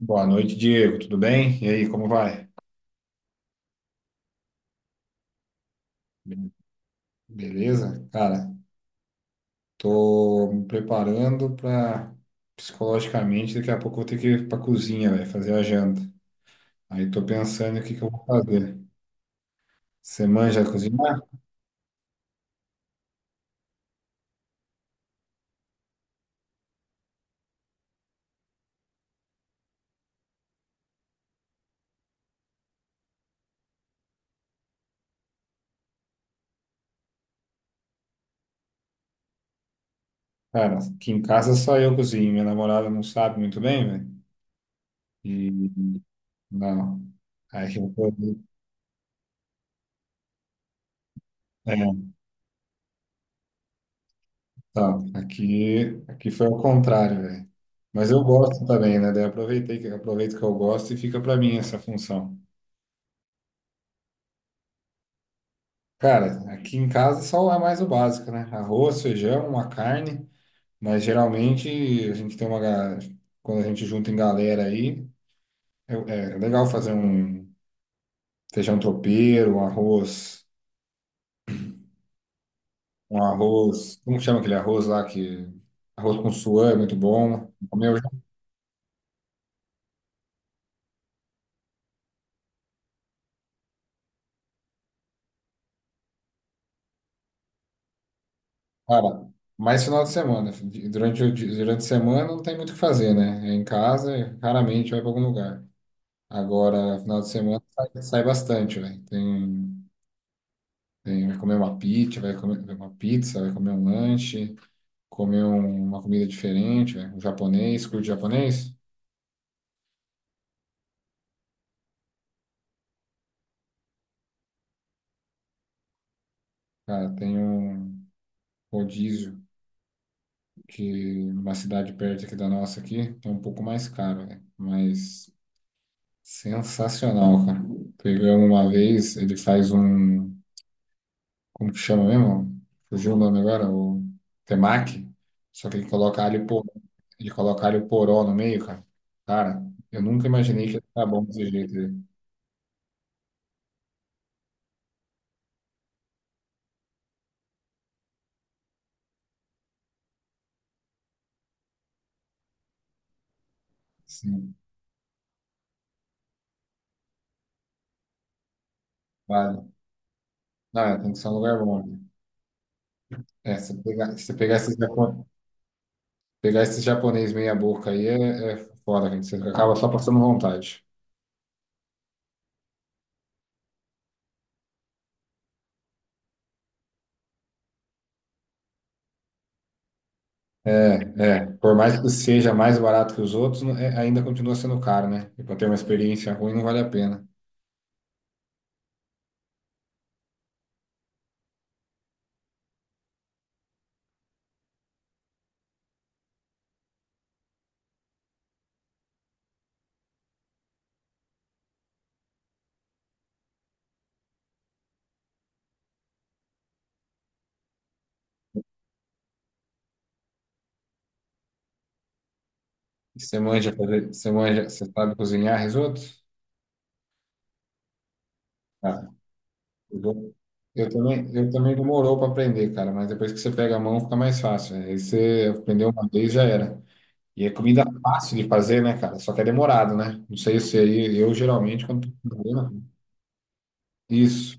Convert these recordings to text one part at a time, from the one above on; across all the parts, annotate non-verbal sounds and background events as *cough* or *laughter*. Boa noite, Diego. Tudo bem? E aí, como vai? Be- Beleza? Cara, tô me preparando para psicologicamente, daqui a pouco eu vou ter que ir pra cozinha, velho, fazer a janta. Aí tô pensando o que que eu vou fazer. Você manja cozinhar? Cara, aqui em casa só eu cozinho, minha namorada não sabe muito bem, velho. E não. Aí eu tô... É, tá. Aqui foi ao contrário, velho. Mas eu gosto também, né? Daí eu aproveitei que aproveito que eu gosto e fica pra mim essa função. Cara, aqui em casa só é mais o básico, né? Arroz, feijão, uma carne, mas geralmente a gente tem uma. Quando a gente junta em galera aí, é legal fazer um feijão tropeiro, um arroz, um arroz. Como chama aquele arroz lá que. Arroz com suã é muito bom. Comeu já, cara, mais final de semana. Durante, durante a semana não tem muito o que fazer, né? É em casa, raramente vai para algum lugar. Agora, final de semana sai, sai bastante, velho. Tem. Vai comer uma pizza, vai comer uma pizza, vai comer um lanche, uma comida diferente, né? Um japonês, curte japonês? Cara, tem um rodízio que numa cidade perto aqui da nossa aqui, é um pouco mais caro, né? Mas sensacional, cara. Pegamos uma vez, ele faz um, como que chama mesmo? Fugiu o nome agora, o temaki, só que ele coloca alho poró, ele coloca alho poró no meio, cara. Cara, eu nunca imaginei que ia ficar bom desse jeito, né? Sim, vale. Não, é, tem que ser um lugar bom, né? É, se pegar pegar esse japonês meia boca aí é foda, gente. Você acaba só passando vontade. É, é. Por mais que seja mais barato que os outros, ainda continua sendo caro, né? E para ter uma experiência ruim não vale a pena. E você manja fazer, você manja, você sabe cozinhar risoto? Ah, risoto. Eu também demorou para aprender, cara, mas depois que você pega a mão fica mais fácil, né? Aí você aprendeu uma vez já era. E é comida é fácil de fazer, né, cara? Só que é demorado, né? Não sei se aí, eu geralmente, quando tô com problema, isso,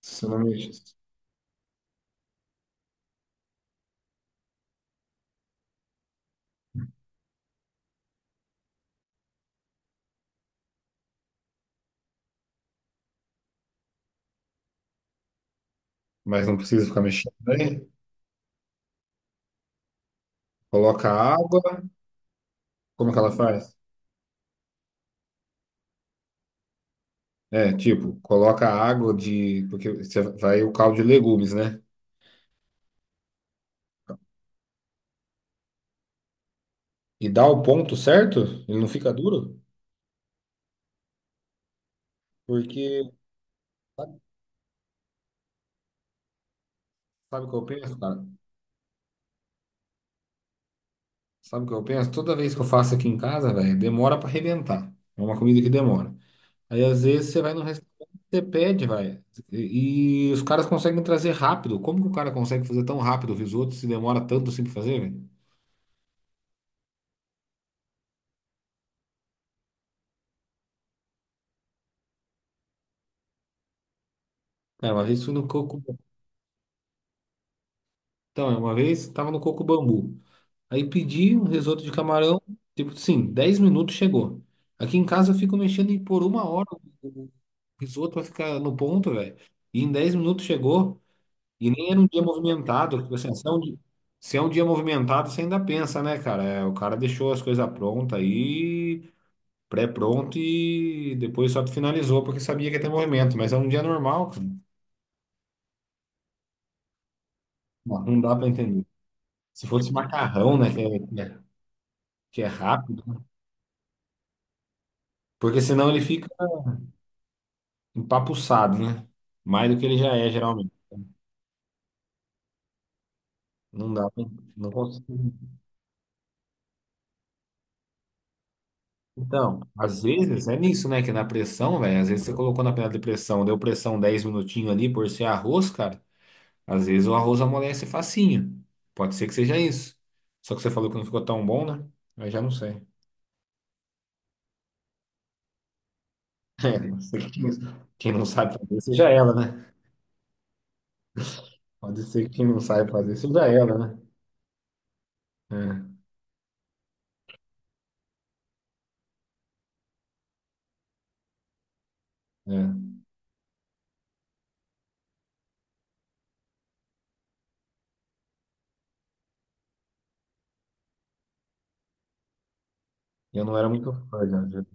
se eu não mexe, mas não precisa ficar mexendo, né? Coloca água, como é que ela faz? É, tipo, coloca água de, porque você vai o caldo de legumes, né? E dá o ponto certo, ele não fica duro, porque, sabe, sabe o que eu penso, cara? Sabe o que eu penso? Toda vez que eu faço aqui em casa, velho, demora pra arrebentar. É uma comida que demora. Aí às vezes você vai no restaurante, você pede, vai. E os caras conseguem trazer rápido. Como que o cara consegue fazer tão rápido o risoto se demora tanto assim pra fazer, velho? Cara, uma vez fui no Coco. Então, é, uma vez tava no Coco Bambu. Aí pedi um risoto de camarão, tipo, sim, 10 minutos chegou. Aqui em casa eu fico mexendo em por uma hora o risoto vai ficar no ponto, velho. E em 10 minutos chegou. E nem era um dia movimentado, porque assim, se é um dia movimentado, você ainda pensa, né, cara? É, o cara deixou as coisas prontas aí, pré-pronto e depois só finalizou porque sabia que ia ter movimento, mas é um dia normal, cara. Não, dá pra entender. Se fosse macarrão, né, que é rápido, porque senão ele fica empapuçado, né? Mais do que ele já é, geralmente. Não dá, pra- não consigo. Então, às vezes é nisso, né? Que na pressão, velho, às vezes você colocou na panela de pressão, deu pressão 10 minutinhos ali por ser arroz, cara. Às vezes o arroz amolece facinho. Pode ser que seja isso. Só que você falou que não ficou tão bom, né? Aí já não sei. *laughs* É, pode ser que quem não sabe fazer seja ela, né? Pode ser que quem não sabe fazer seja ela, né? É, é. Eu não era muito fã, já.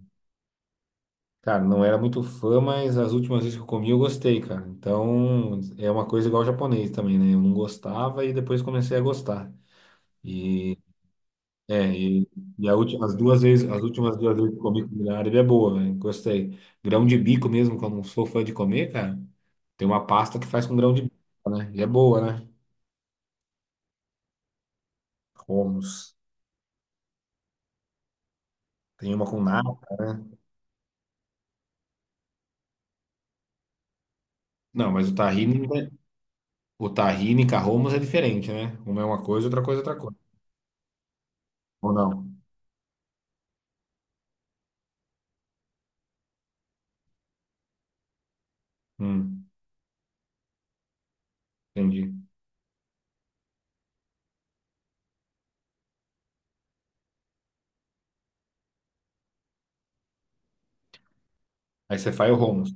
Cara, não era muito fã, mas as últimas vezes que eu comi eu gostei, cara. Então é uma coisa igual ao japonês também, né? Eu não gostava e depois comecei a gostar. É, e as duas vezes, as últimas duas vezes que comi comida árabe é boa, né? Gostei. Grão de bico mesmo, que eu não sou fã de comer, cara. Tem uma pasta que faz com grão de bico, né? E é boa, né? Hummus. Tem uma com nata, né? Não, mas o tahine, né? O tahine com a hummus é diferente, né? Uma é uma coisa, outra coisa é outra coisa. Ou não? Hum, entendi. Aí você faz o hummus.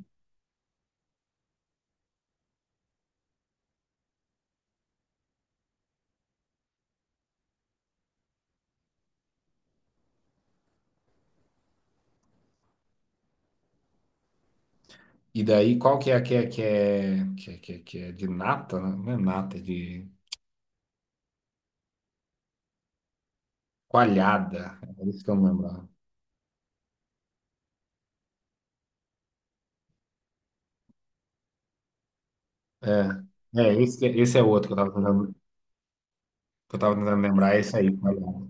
E daí, qual que é a que é, que é, que é, que é, que é de nata, né? Não é nata, é de coalhada. É isso que eu não lembro. Esse é outro que eu tava tentando, que eu tava tentando lembrar, é esse aí. Olha.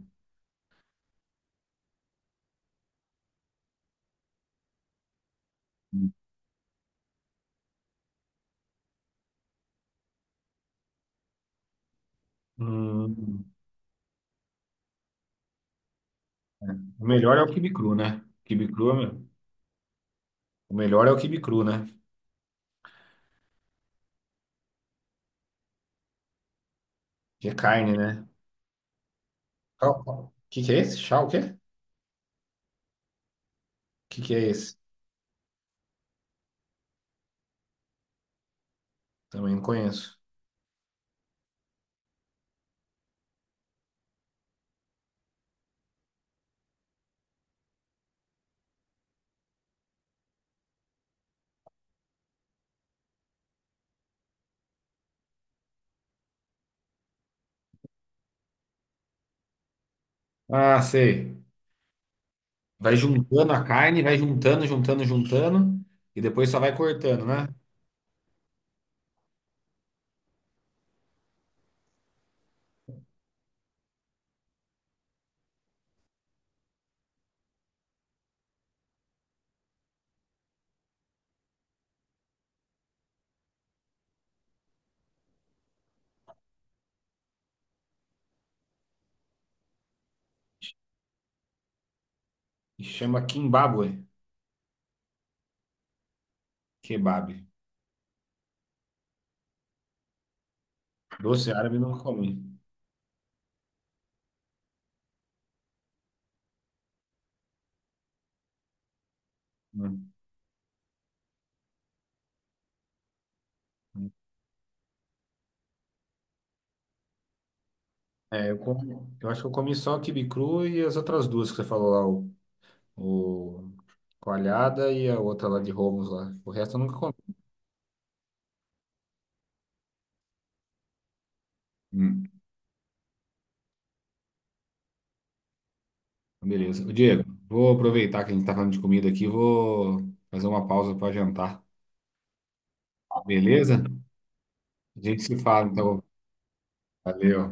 Hum, o melhor é o quibe cru, né? Quibe cru, é o melhor é o quibe cru, né? Que é carne, né? O que que é esse? Chá o quê? O que que é esse? Também não conheço. Ah, sei. Vai juntando a carne, vai juntando, juntando, juntando, e depois só vai cortando, né? E chama Kimbabue, kebab. Doce árabe não come. Hum. Hum. É, eu, como, eu acho que eu comi só o quibe cru e as outras duas que você falou lá, o coalhada e a outra lá de Romos lá. O resto eu nunca comi. Hum, Beleza. Ô, Diego, vou aproveitar que a gente tá falando de comida aqui, vou fazer uma pausa para jantar. Beleza? A gente se fala, então. Valeu.